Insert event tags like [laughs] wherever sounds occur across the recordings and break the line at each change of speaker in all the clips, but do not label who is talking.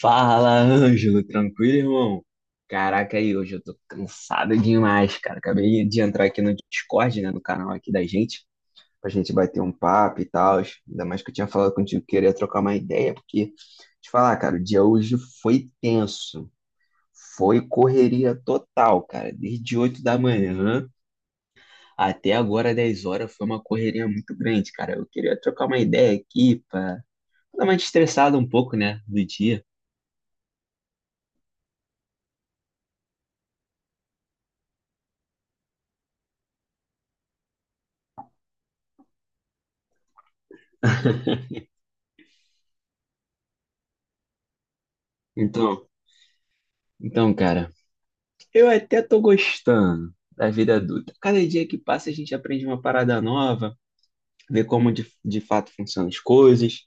Fala, Ângelo, tranquilo, irmão? Caraca, aí hoje eu tô cansado demais, cara. Acabei de entrar aqui no Discord, né, no canal aqui da gente, pra gente bater um papo e tal. Ainda mais que eu tinha falado contigo que queria trocar uma ideia, porque, te falar, cara, o dia hoje foi tenso. Foi correria total, cara. Desde 8 da manhã até agora 10 horas foi uma correria muito grande, cara. Eu queria trocar uma ideia aqui pra dar uma estressada um pouco, né, do dia. Então, então, cara. Eu até tô gostando da vida adulta. Cada dia que passa, a gente aprende uma parada nova, vê como de fato funcionam as coisas,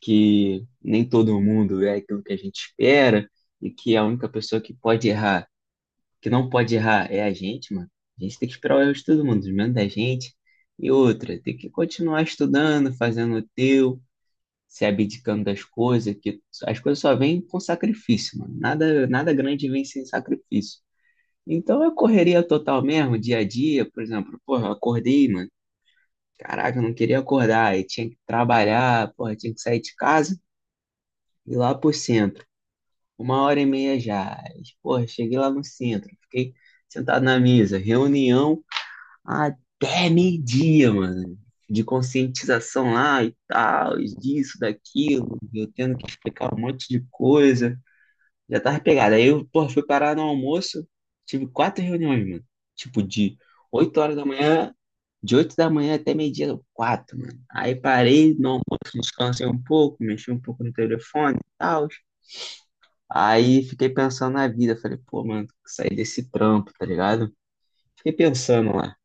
que nem todo mundo é aquilo que a gente espera e que a única pessoa que pode errar, que não pode errar, é a gente, mano. A gente tem que esperar o erro de todo mundo, menos da gente. E outra, tem que continuar estudando, fazendo o teu, se abdicando das coisas, que as coisas só vêm com sacrifício, mano. Nada, nada grande vem sem sacrifício. Então eu correria total mesmo, dia a dia, por exemplo, porra, eu acordei, mano. Caraca, eu não queria acordar, e tinha que trabalhar, porra, tinha que sair de casa e ir lá pro centro. 1 hora e meia já. Aí, porra, cheguei lá no centro, fiquei sentado na mesa, reunião até meio-dia, mano. De conscientização lá e tal, disso, daquilo, eu tendo que explicar um monte de coisa. Já tava pegado. Aí eu, porra, fui parar no almoço. Tive 4 reuniões, mano. Tipo, de 8 horas da manhã, de 8 da manhã até meio-dia, quatro, mano. Aí parei no almoço, descansei um pouco, mexi um pouco no telefone e tal. Aí fiquei pensando na vida. Falei, pô, mano, tem que sair desse trampo, tá ligado? Fiquei pensando lá.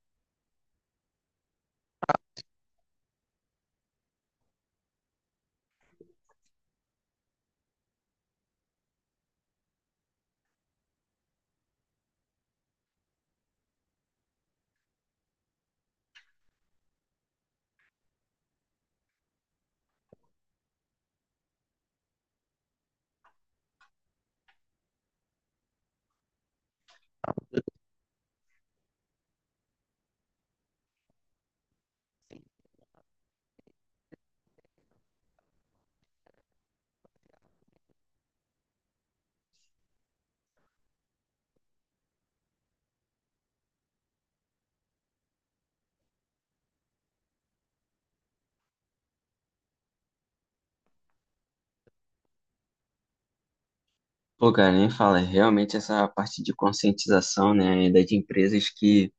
Pô, cara, nem fala, realmente essa parte de conscientização, né, ainda de empresas que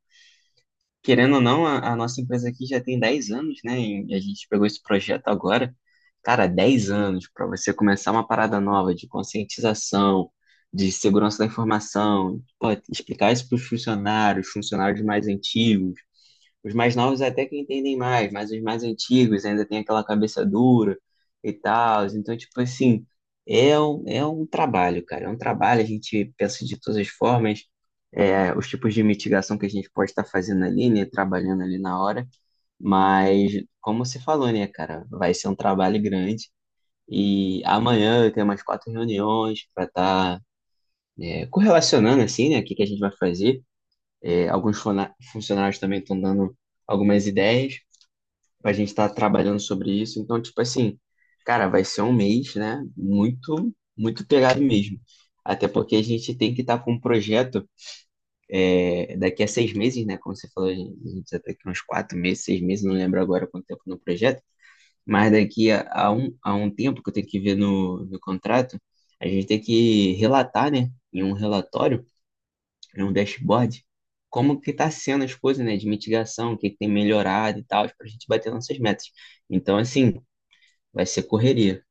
querendo ou não, a nossa empresa aqui já tem 10 anos, né? E a gente pegou esse projeto agora. Cara, 10 anos para você começar uma parada nova de conscientização, de segurança da informação, pô, explicar isso para os funcionários, funcionários mais antigos, os mais novos até que entendem mais, mas os mais antigos ainda tem aquela cabeça dura e tal. Então, tipo assim, é um trabalho, cara. É um trabalho, a gente pensa de todas as formas, é, os tipos de mitigação que a gente pode estar fazendo ali, né? Trabalhando ali na hora. Mas, como você falou, né, cara, vai ser um trabalho grande. E amanhã eu tenho umas 4 reuniões para estar é, correlacionando, assim, né, o que que a gente vai fazer. É, alguns funcionários também estão dando algumas ideias. A gente tá trabalhando sobre isso. Então, tipo assim, cara, vai ser um mês, né? Muito, muito pegado mesmo. Até porque a gente tem que estar com um projeto é, daqui a 6 meses, né? Como você falou, a gente já tá aqui uns 4 meses, 6 meses, não lembro agora quanto tempo no projeto. Mas daqui a um tempo que eu tenho que ver no, no contrato, a gente tem que relatar, né? Em um relatório, em um dashboard, como que tá sendo as coisas, né? De mitigação, o que que tem melhorado e tal, para a gente bater nossas metas. Então, assim, vai ser correria.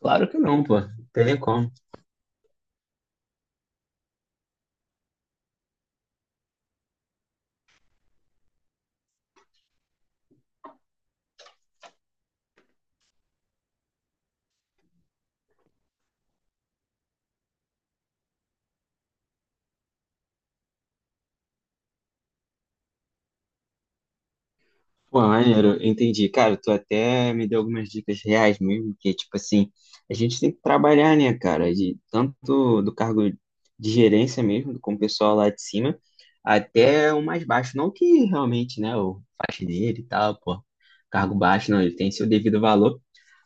Claro que não, pô. Não tem nem como. Pô, maneiro, entendi. Cara, tu até me deu algumas dicas reais mesmo, que, tipo assim, a gente tem que trabalhar, né, cara? De, tanto do cargo de gerência mesmo, com o pessoal lá de cima, até o mais baixo. Não que realmente, né, o faxineiro e tal, pô, cargo baixo, não, ele tem seu devido valor,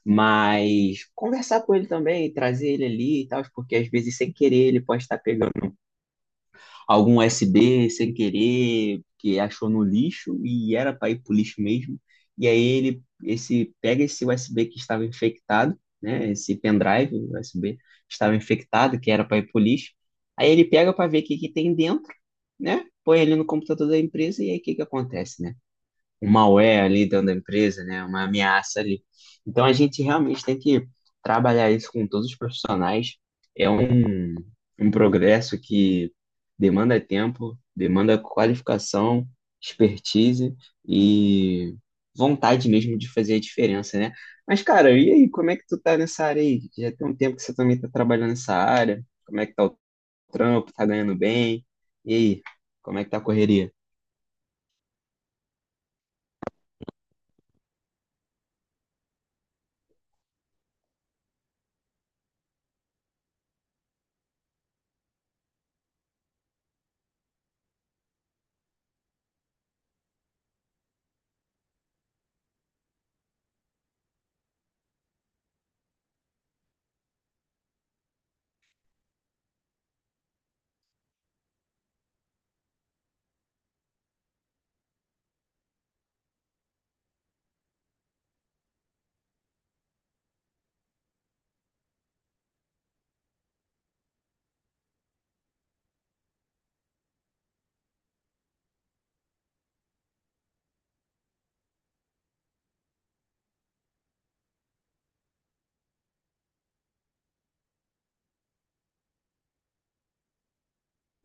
mas conversar com ele também, trazer ele ali e tal, porque às vezes, sem querer, ele pode estar pegando algum USB sem querer, que achou no lixo e era para ir pro lixo mesmo. E aí ele esse pega esse USB que estava infectado, né, esse pendrive USB que estava infectado, que era para ir pro lixo. Aí ele pega para ver o que que tem dentro, né? Põe ele no computador da empresa e aí o que que acontece, né? Um malware ali dentro da empresa, né? Uma ameaça ali. Então a gente realmente tem que trabalhar isso com todos os profissionais. É um, um progresso que demanda tempo, demanda qualificação, expertise e vontade mesmo de fazer a diferença, né? Mas, cara, e aí, como é que tu tá nessa área aí? Já tem um tempo que você também tá trabalhando nessa área. Como é que tá o trampo? Tá ganhando bem? E aí, como é que tá a correria?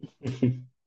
[laughs]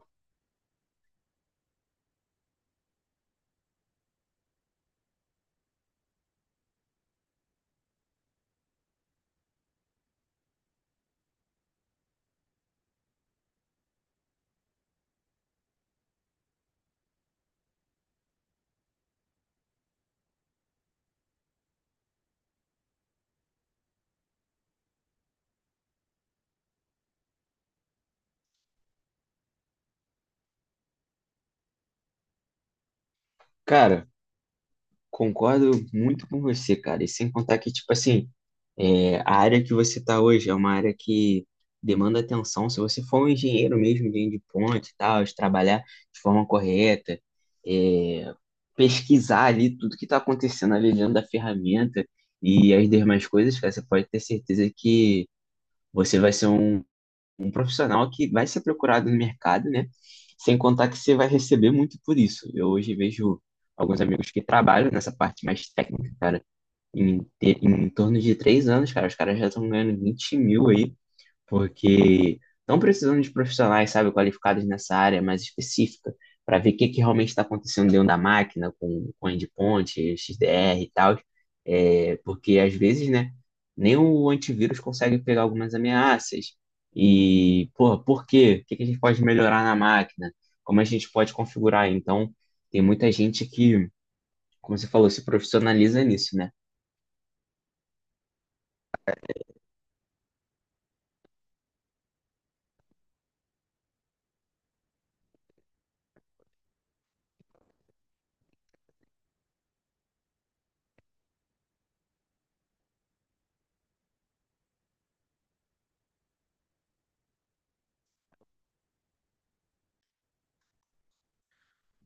Cara, concordo muito com você, cara. E sem contar que, tipo assim, é, a área que você está hoje é uma área que demanda atenção. Se você for um engenheiro mesmo, engenheiro de ponte e tal, de trabalhar de forma correta, é, pesquisar ali tudo que está acontecendo ali dentro da ferramenta e as demais coisas, cara, você pode ter certeza que você vai ser um profissional que vai ser procurado no mercado, né? Sem contar que você vai receber muito por isso. Eu hoje vejo alguns amigos que trabalham nessa parte mais técnica, cara. Em torno de 3 anos, cara, os caras já estão ganhando 20 mil aí porque estão precisando de profissionais, sabe, qualificados nessa área mais específica, para ver o que realmente está acontecendo dentro da máquina, com endpoint, XDR e tal, é, porque às vezes, né, nem o antivírus consegue pegar algumas ameaças. E, porra, por quê? O que a gente pode melhorar na máquina? Como a gente pode configurar? Então, tem muita gente que, como você falou, se profissionaliza nisso, né?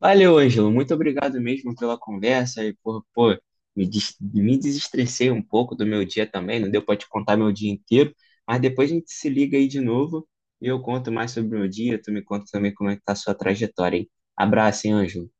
Valeu, Ângelo. Muito obrigado mesmo pela conversa e por, pô, me desestressei um pouco do meu dia também. Não deu para te contar meu dia inteiro, mas depois a gente se liga aí de novo e eu conto mais sobre o meu dia. Tu me conta também como é que tá a sua trajetória, hein? Abraço, hein, Ângelo.